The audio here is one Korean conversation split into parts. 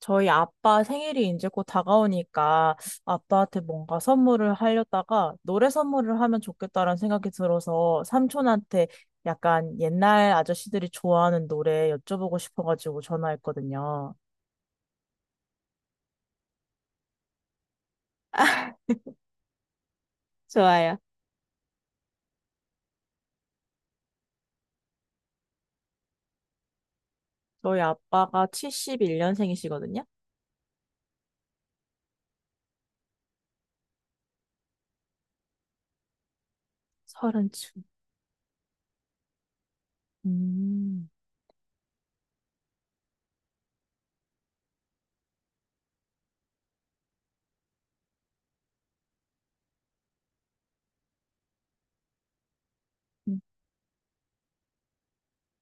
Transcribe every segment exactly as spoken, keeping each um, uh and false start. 저희 아빠 생일이 이제 곧 다가오니까 아빠한테 뭔가 선물을 하려다가 노래 선물을 하면 좋겠다라는 생각이 들어서 삼촌한테 약간 옛날 아저씨들이 좋아하는 노래 여쭤보고 싶어가지고 전화했거든요. 저희 아빠가 칠십일 년생이시거든요. 서른쯤. 음.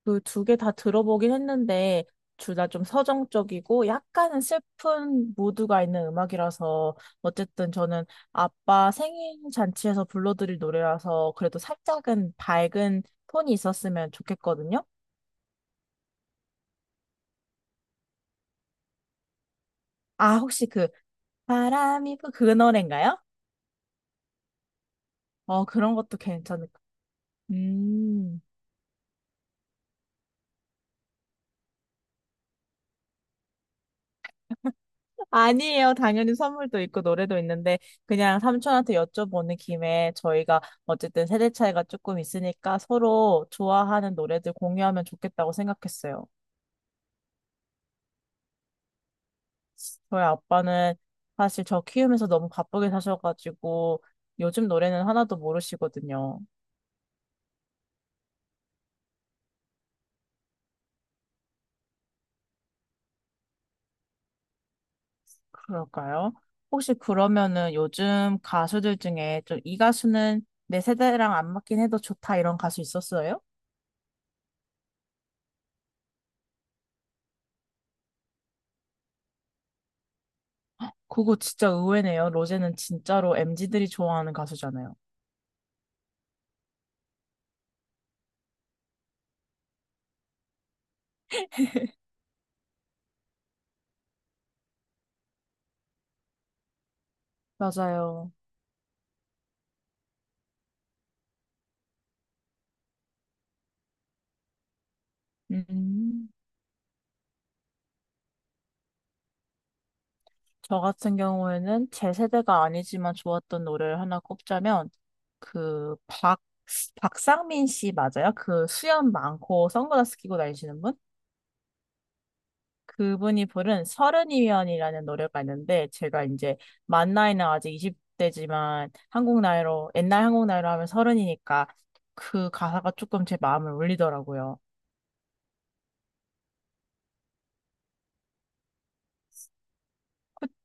그 두 개 다 들어보긴 했는데 둘 다 좀 서정적이고 약간은 슬픈 모드가 있는 음악이라서 어쨌든 저는 아빠 생일 잔치에서 불러드릴 노래라서 그래도 살짝은 밝은 톤이 있었으면 좋겠거든요. 아, 혹시 그 바람이 부- 그 노래인가요? 어, 그런 것도 괜찮을 것 같아요. 음. 아니에요. 당연히 선물도 있고 노래도 있는데 그냥 삼촌한테 여쭤보는 김에 저희가 어쨌든 세대 차이가 조금 있으니까 서로 좋아하는 노래들 공유하면 좋겠다고 생각했어요. 저희 아빠는 사실 저 키우면서 너무 바쁘게 사셔가지고 요즘 노래는 하나도 모르시거든요. 그럴까요? 혹시 그러면은 요즘 가수들 중에 좀 이 가수는 내 세대랑 안 맞긴 해도 좋다 이런 가수 있었어요? 그거 진짜 의외네요. 로제는 진짜로 엠지들이 좋아하는 가수잖아요. 맞아요. 음, 저 같은 경우에는 제 세대가 아니지만 좋았던 노래를 하나 꼽자면, 그, 박, 박상민 씨 맞아요? 그 수염 많고 선글라스 끼고 다니시는 분? 그분이 부른 서른이면이라는 노래가 있는데, 제가 이제 만 나이는 아직 이십 대지만 한국 나이로, 옛날 한국 나이로 하면 서른이니까 그 가사가 조금 제 마음을 울리더라고요.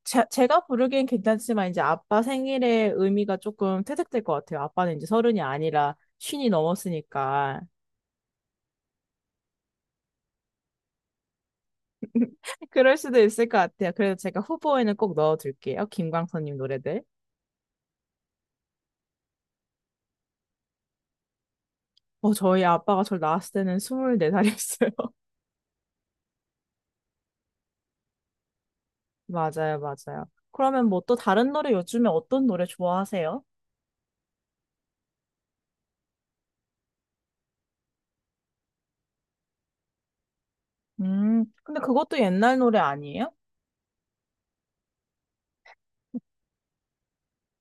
제, 제가 부르기엔 괜찮지만 이제 아빠 생일의 의미가 조금 퇴색될 것 같아요. 아빠는 이제 서른이 아니라 쉰이 넘었으니까 그럴 수도 있을 것 같아요. 그래서 제가 후보에는 꼭 넣어둘게요. 김광선님 노래들. 어, 저희 아빠가 저를 낳았을 때는 스물네 살이었어요. 맞아요, 맞아요. 그러면 뭐 또 다른 노래 요즘에 어떤 노래 좋아하세요? 음, 근데 그것도 옛날 노래 아니에요?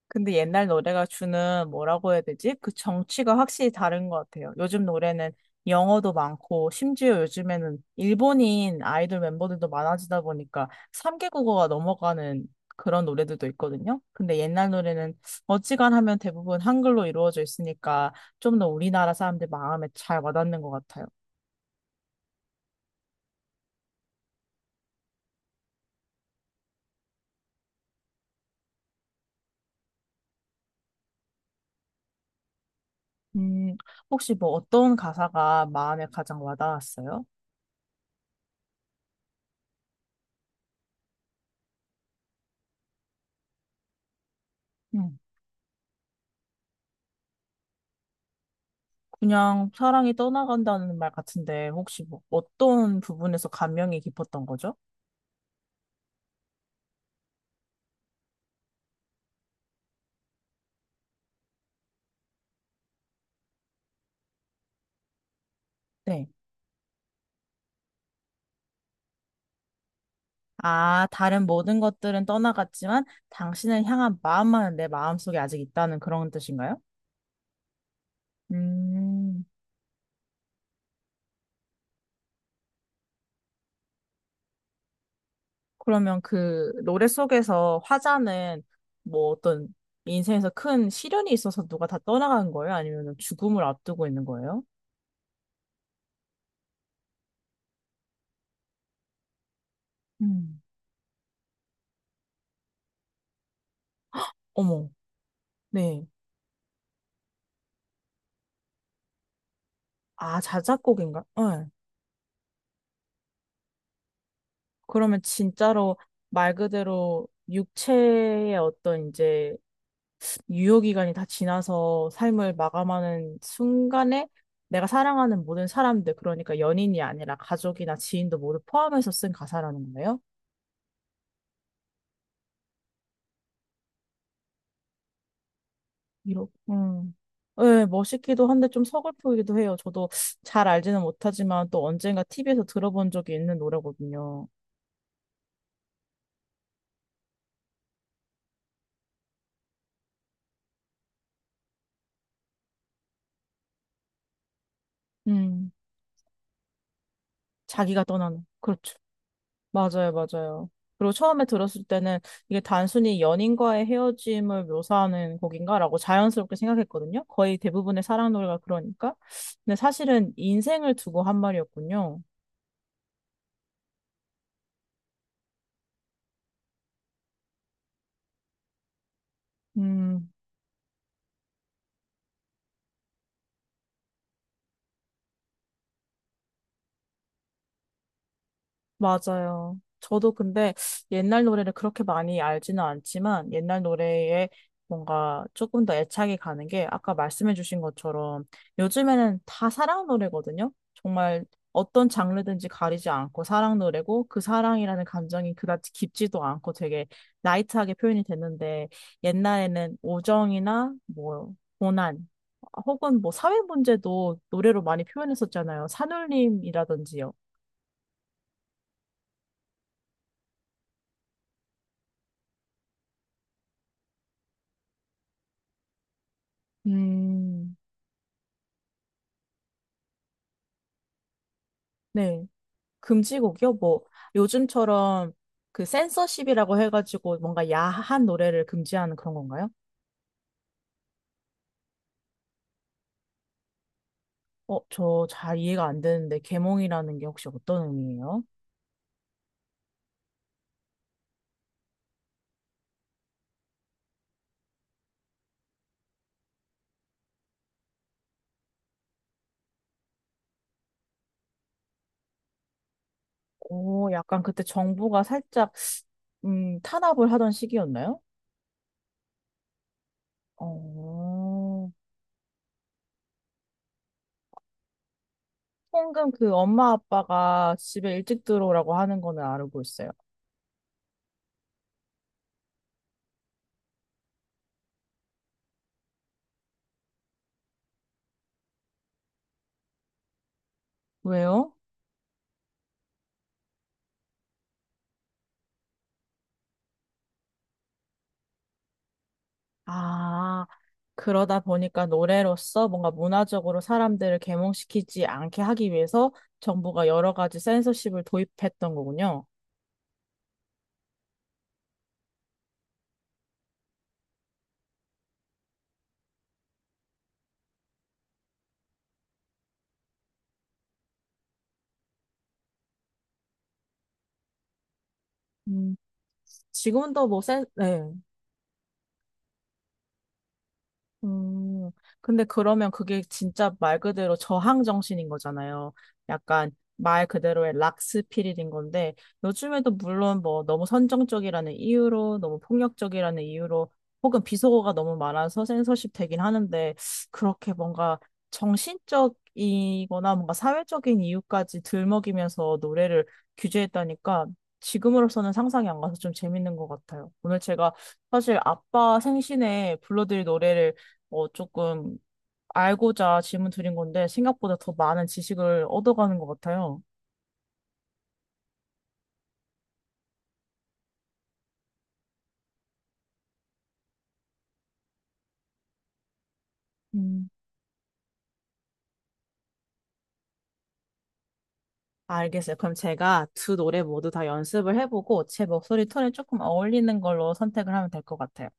근데 옛날 노래가 주는 뭐라고 해야 되지? 그 정취가 확실히 다른 것 같아요. 요즘 노래는 영어도 많고, 심지어 요즘에는 일본인 아이돌 멤버들도 많아지다 보니까 삼 개 국어가 넘어가는 그런 노래들도 있거든요. 근데 옛날 노래는 어지간하면 대부분 한글로 이루어져 있으니까 좀 더 우리나라 사람들 마음에 잘 와닿는 것 같아요. 음, 혹시 뭐 어떤 가사가 마음에 가장 와닿았어요? 음. 그냥 사랑이 떠나간다는 말 같은데, 혹시 뭐 어떤 부분에서 감명이 깊었던 거죠? 네. 아, 다른 모든 것들은 떠나갔지만 당신을 향한 마음만은 내 마음속에 아직 있다는 그런 뜻인가요? 음, 그러면 그 노래 속에서 화자는 뭐 어떤 인생에서 큰 시련이 있어서 누가 다 떠나간 거예요? 아니면 죽음을 앞두고 있는 거예요? 음. 어머, 네. 아, 자작곡인가? 네. 그러면 진짜로 말 그대로 육체의 어떤 이제 유효기간이 다 지나서 삶을 마감하는 순간에 내가 사랑하는 모든 사람들, 그러니까 연인이 아니라 가족이나 지인도 모두 포함해서 쓴 가사라는 거예요? 이렇게, 음. 네, 멋있기도 한데 좀 서글프기도 해요. 저도 잘 알지는 못하지만 또 언젠가 티비에서 들어본 적이 있는 노래거든요. 음, 자기가 떠나는, 그렇죠. 맞아요, 맞아요. 그리고 처음에 들었을 때는 이게 단순히 연인과의 헤어짐을 묘사하는 곡인가라고 자연스럽게 생각했거든요. 거의 대부분의 사랑 노래가 그러니까. 근데 사실은 인생을 두고 한 말이었군요. 음, 맞아요. 저도 근데 옛날 노래를 그렇게 많이 알지는 않지만 옛날 노래에 뭔가 조금 더 애착이 가는 게 아까 말씀해주신 것처럼 요즘에는 다 사랑 노래거든요. 정말 어떤 장르든지 가리지 않고 사랑 노래고 그 사랑이라는 감정이 그다지 깊지도 않고 되게 라이트하게 표현이 됐는데 옛날에는 오정이나 뭐 고난 혹은 뭐 사회 문제도 노래로 많이 표현했었잖아요. 산울림이라든지요. 음. 네. 금지곡이요? 뭐, 요즘처럼 그 센서십이라고 해가지고 뭔가 야한 노래를 금지하는 그런 건가요? 어, 저 잘 이해가 안 되는데, 계몽이라는 게 혹시 어떤 의미예요? 오, 약간 그때 정부가 살짝, 음, 탄압을 하던 시기였나요? 어, 홍금 그 엄마 아빠가 집에 일찍 들어오라고 하는 거는 알고 있어요. 왜요? 아, 그러다 보니까 노래로서 뭔가 문화적으로 사람들을 계몽시키지 않게 하기 위해서 정부가 여러 가지 센서십을 도입했던 거군요. 음, 지금도 뭐 센, 네. 음, 근데 그러면 그게 진짜 말 그대로 저항 정신인 거잖아요. 약간 말 그대로의 락스피릿인 건데, 요즘에도 물론 뭐 너무 선정적이라는 이유로, 너무 폭력적이라는 이유로, 혹은 비속어가 너무 많아서 censorship 되긴 하는데, 그렇게 뭔가 정신적이거나 뭔가 사회적인 이유까지 들먹이면서 노래를 규제했다니까, 지금으로서는 상상이 안 가서 좀 재밌는 것 같아요. 오늘 제가 사실 아빠 생신에 불러드릴 노래를 어, 조금 알고자 질문 드린 건데 생각보다 더 많은 지식을 얻어가는 것 같아요. 음. 알겠어요. 그럼 제가 두 노래 모두 다 연습을 해보고 제 목소리 톤에 조금 어울리는 걸로 선택을 하면 될 것 같아요.